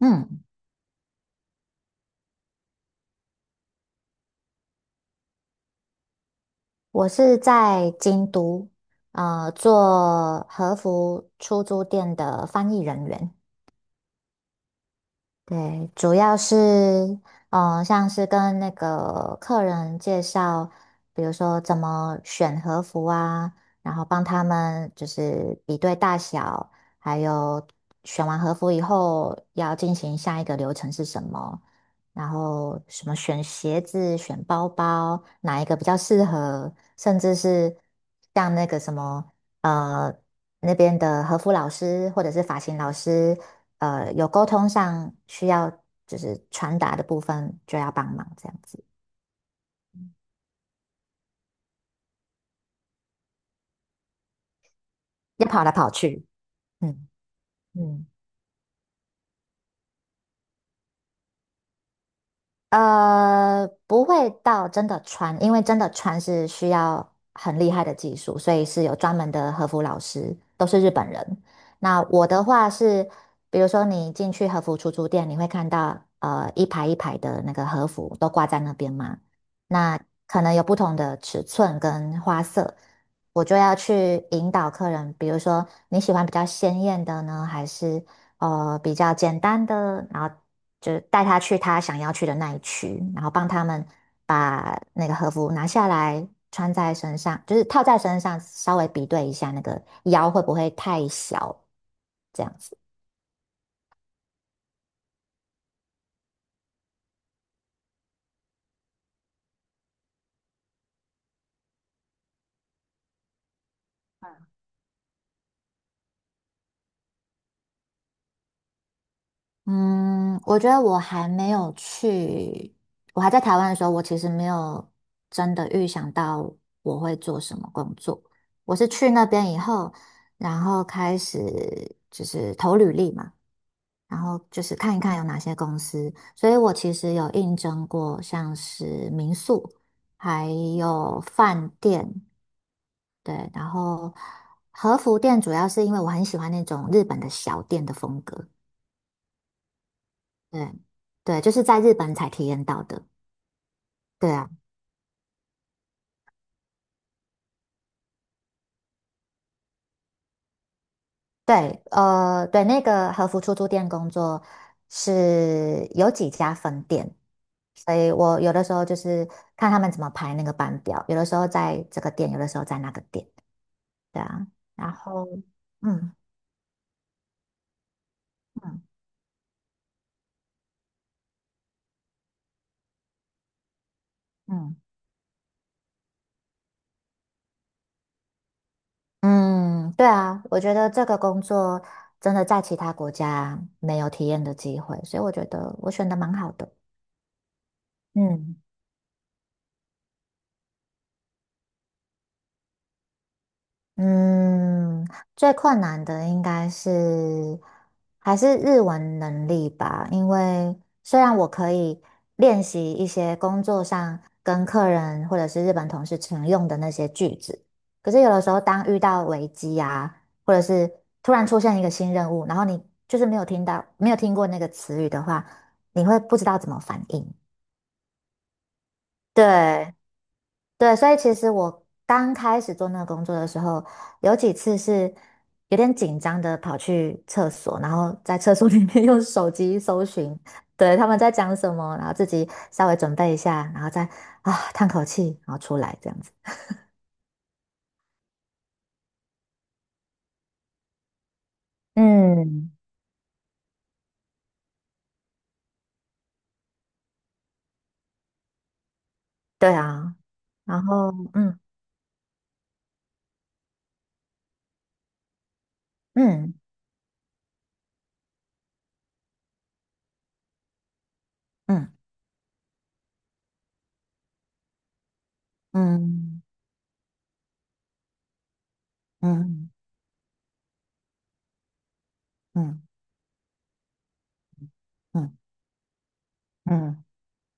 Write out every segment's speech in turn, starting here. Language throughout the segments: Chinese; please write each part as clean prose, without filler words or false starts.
嗯，我是在京都，做和服出租店的翻译人员。对，主要是，像是跟那个客人介绍，比如说怎么选和服啊，然后帮他们就是比对大小，还有选完和服以后要进行下一个流程是什么，然后什么选鞋子、选包包，哪一个比较适合，甚至是像那个什么，呃，那边的和服老师或者是发型老师。有沟通上需要就是传达的部分就要帮忙这样子，要跑来跑去，嗯嗯。不会到真的穿，因为真的穿是需要很厉害的技术，所以是有专门的和服老师，都是日本人。那我的话是，比如说你进去和服出租店，你会看到一排一排的那个和服都挂在那边嘛，那可能有不同的尺寸跟花色，我就要去引导客人，比如说你喜欢比较鲜艳的呢，还是？比较简单的，然后就是带他去他想要去的那一区，然后帮他们那个和服拿下来穿在身上，就是套在身上，稍微比对一下那个腰会不会太小，这样子。嗯，我觉得我还没有去，我还在台湾的时候，我其实没有真的预想到我会做什么工作。我是去那边以后，然后开始就是投履历嘛。然后就是看一看有哪些公司。所以我其实有应征过，像是民宿，还有饭店，对，然后和服店主要是因为我很喜欢那种日本的小店的风格，对，对，就是在日本才体验到的。对啊，对，对，那个和服出租店工作是有几家分店，所以我有的时候就是看他们怎么排那个班表，有的时候在这个店，有的时候在那个店。对啊，然后，嗯嗯嗯嗯，对啊，我觉得这个工作真的在其他国家没有体验的机会，所以我觉得我选的蛮好的。嗯嗯，最困难的应该是还是日文能力吧，因为虽然我可以练习一些工作上跟客人或者是日本同事常用的那些句子，可是有的时候当遇到危机啊，或者是突然出现一个新任务，然后你就是没有听到，没有听过那个词语的话，你会不知道怎么反应。对，对，所以其实我刚开始做那个工作的时候，有几次是有点紧张的跑去厕所，然后在厕所里面 用手机搜寻，对，他们在讲什么，然后自己稍微准备一下，然后再啊叹口气，然后出来这样子。嗯，对啊，然后嗯嗯嗯嗯嗯嗯嗯嗯嗯。嗯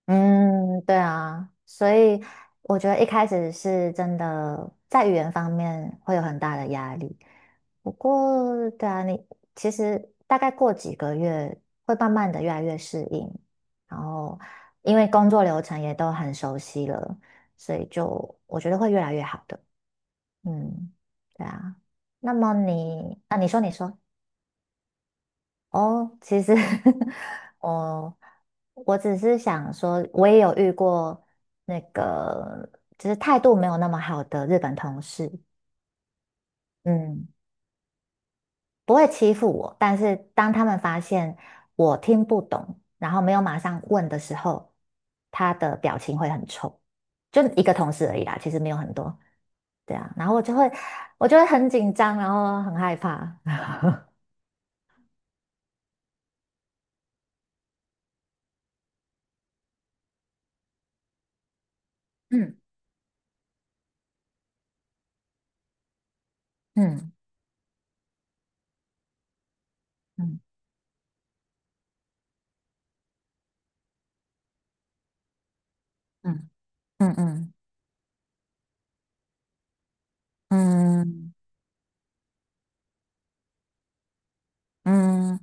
嗯，对啊，所以我觉得一开始是真的在语言方面会有很大的压力。不过，对啊，你其实大概过几个月会慢慢的越来越适应，然后因为工作流程也都很熟悉了，所以就我觉得会越来越好的。嗯，对啊。那么你啊，你说你说，哦，其实 我我只是想说，我也有遇过那个，就是态度没有那么好的日本同事，嗯，不会欺负我，但是当他们发现我听不懂，然后没有马上问的时候，他的表情会很臭，就一个同事而已啦，其实没有很多，对啊，然后我就会很紧张，然后很害怕，嗯嗯嗯嗯嗯嗯嗯。嗯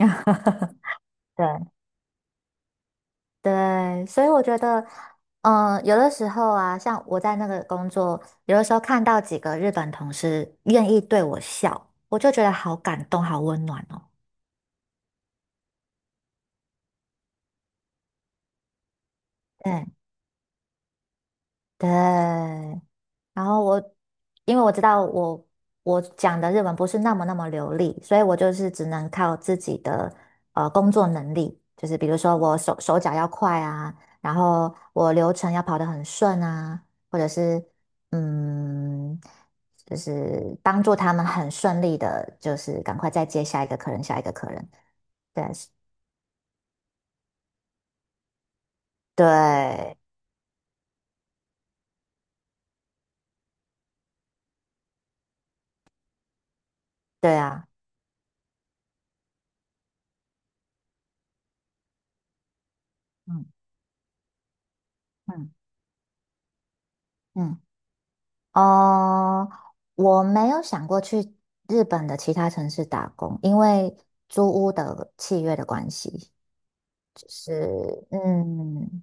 对对，所以我觉得，有的时候啊，像我在那个工作，有的时候看到几个日本同事愿意对我笑，我就觉得好感动，好温暖哦。对对，然后我，因为我知道我讲的日文不是那么流利，所以我就是只能靠自己的工作能力，就是比如说我手脚要快啊，然后我流程要跑得很顺啊，或者是嗯，就是帮助他们很顺利的，就是赶快再接下一个客人，下一个客人。对，对啊，嗯嗯嗯。哦，我没有想过去日本的其他城市打工，因为租屋的契约的关系，就是嗯。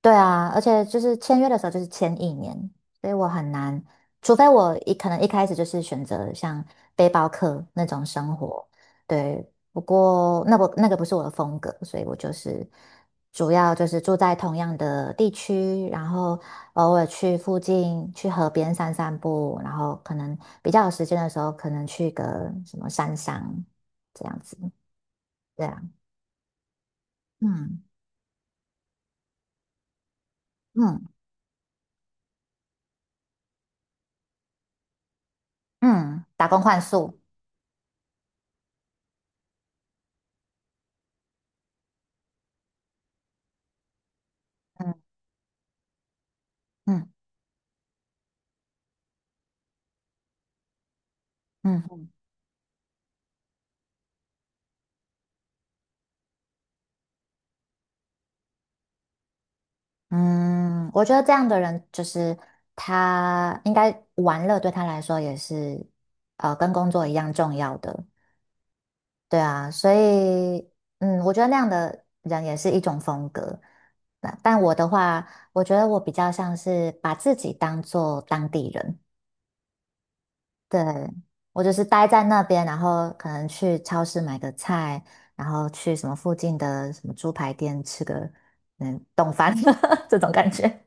对啊，而且就是签约的时候就是签一年，所以我很难，除非可能一开始就是选择像背包客那种生活，对。不过那我那个不是我的风格，所以我就是主要就是住在同样的地区，然后偶尔去附近去河边散散步，然后可能比较有时间的时候，可能去个什么山上这样子，对啊，嗯嗯嗯，打工换宿，嗯嗯嗯。嗯，我觉得这样的人就是他应该玩乐对他来说也是跟工作一样重要的，对啊，所以嗯，我觉得那样的人也是一种风格。那但我的话，我觉得我比较像是把自己当做当地人，对，我就是待在那边，然后可能去超市买个菜，然后去什么附近的什么猪排店吃个冻饭 这种感觉，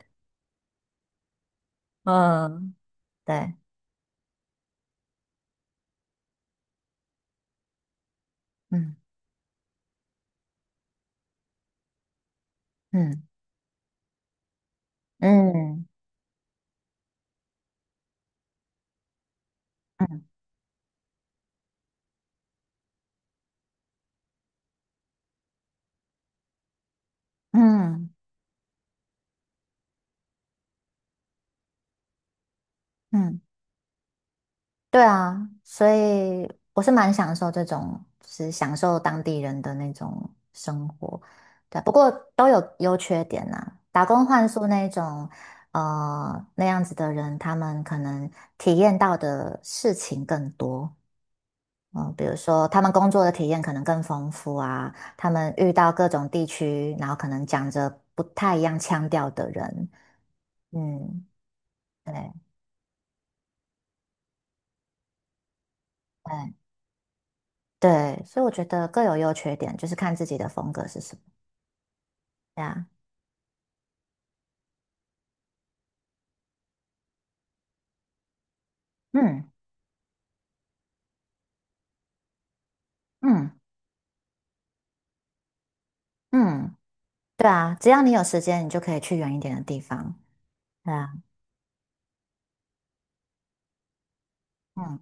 嗯，对。嗯嗯嗯嗯嗯嗯，对啊，所以我是蛮享受这种，就是享受当地人的那种生活。对啊，不过都有优缺点呐、打工换宿那种，那样子的人，他们可能体验到的事情更多。比如说他们工作的体验可能更丰富啊，他们遇到各种地区，然后可能讲着不太一样腔调的人，嗯，对。对对，所以我觉得各有优缺点，就是看自己的风格是什么。对啊，嗯嗯嗯，对啊，只要你有时间，你就可以去远一点的地方。对啊，嗯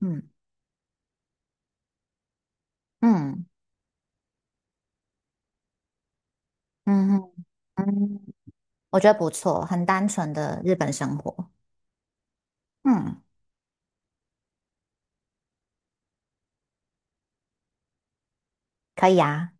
嗯嗯嗯哼嗯，我觉得不错，很单纯的日本生活。嗯，可以啊。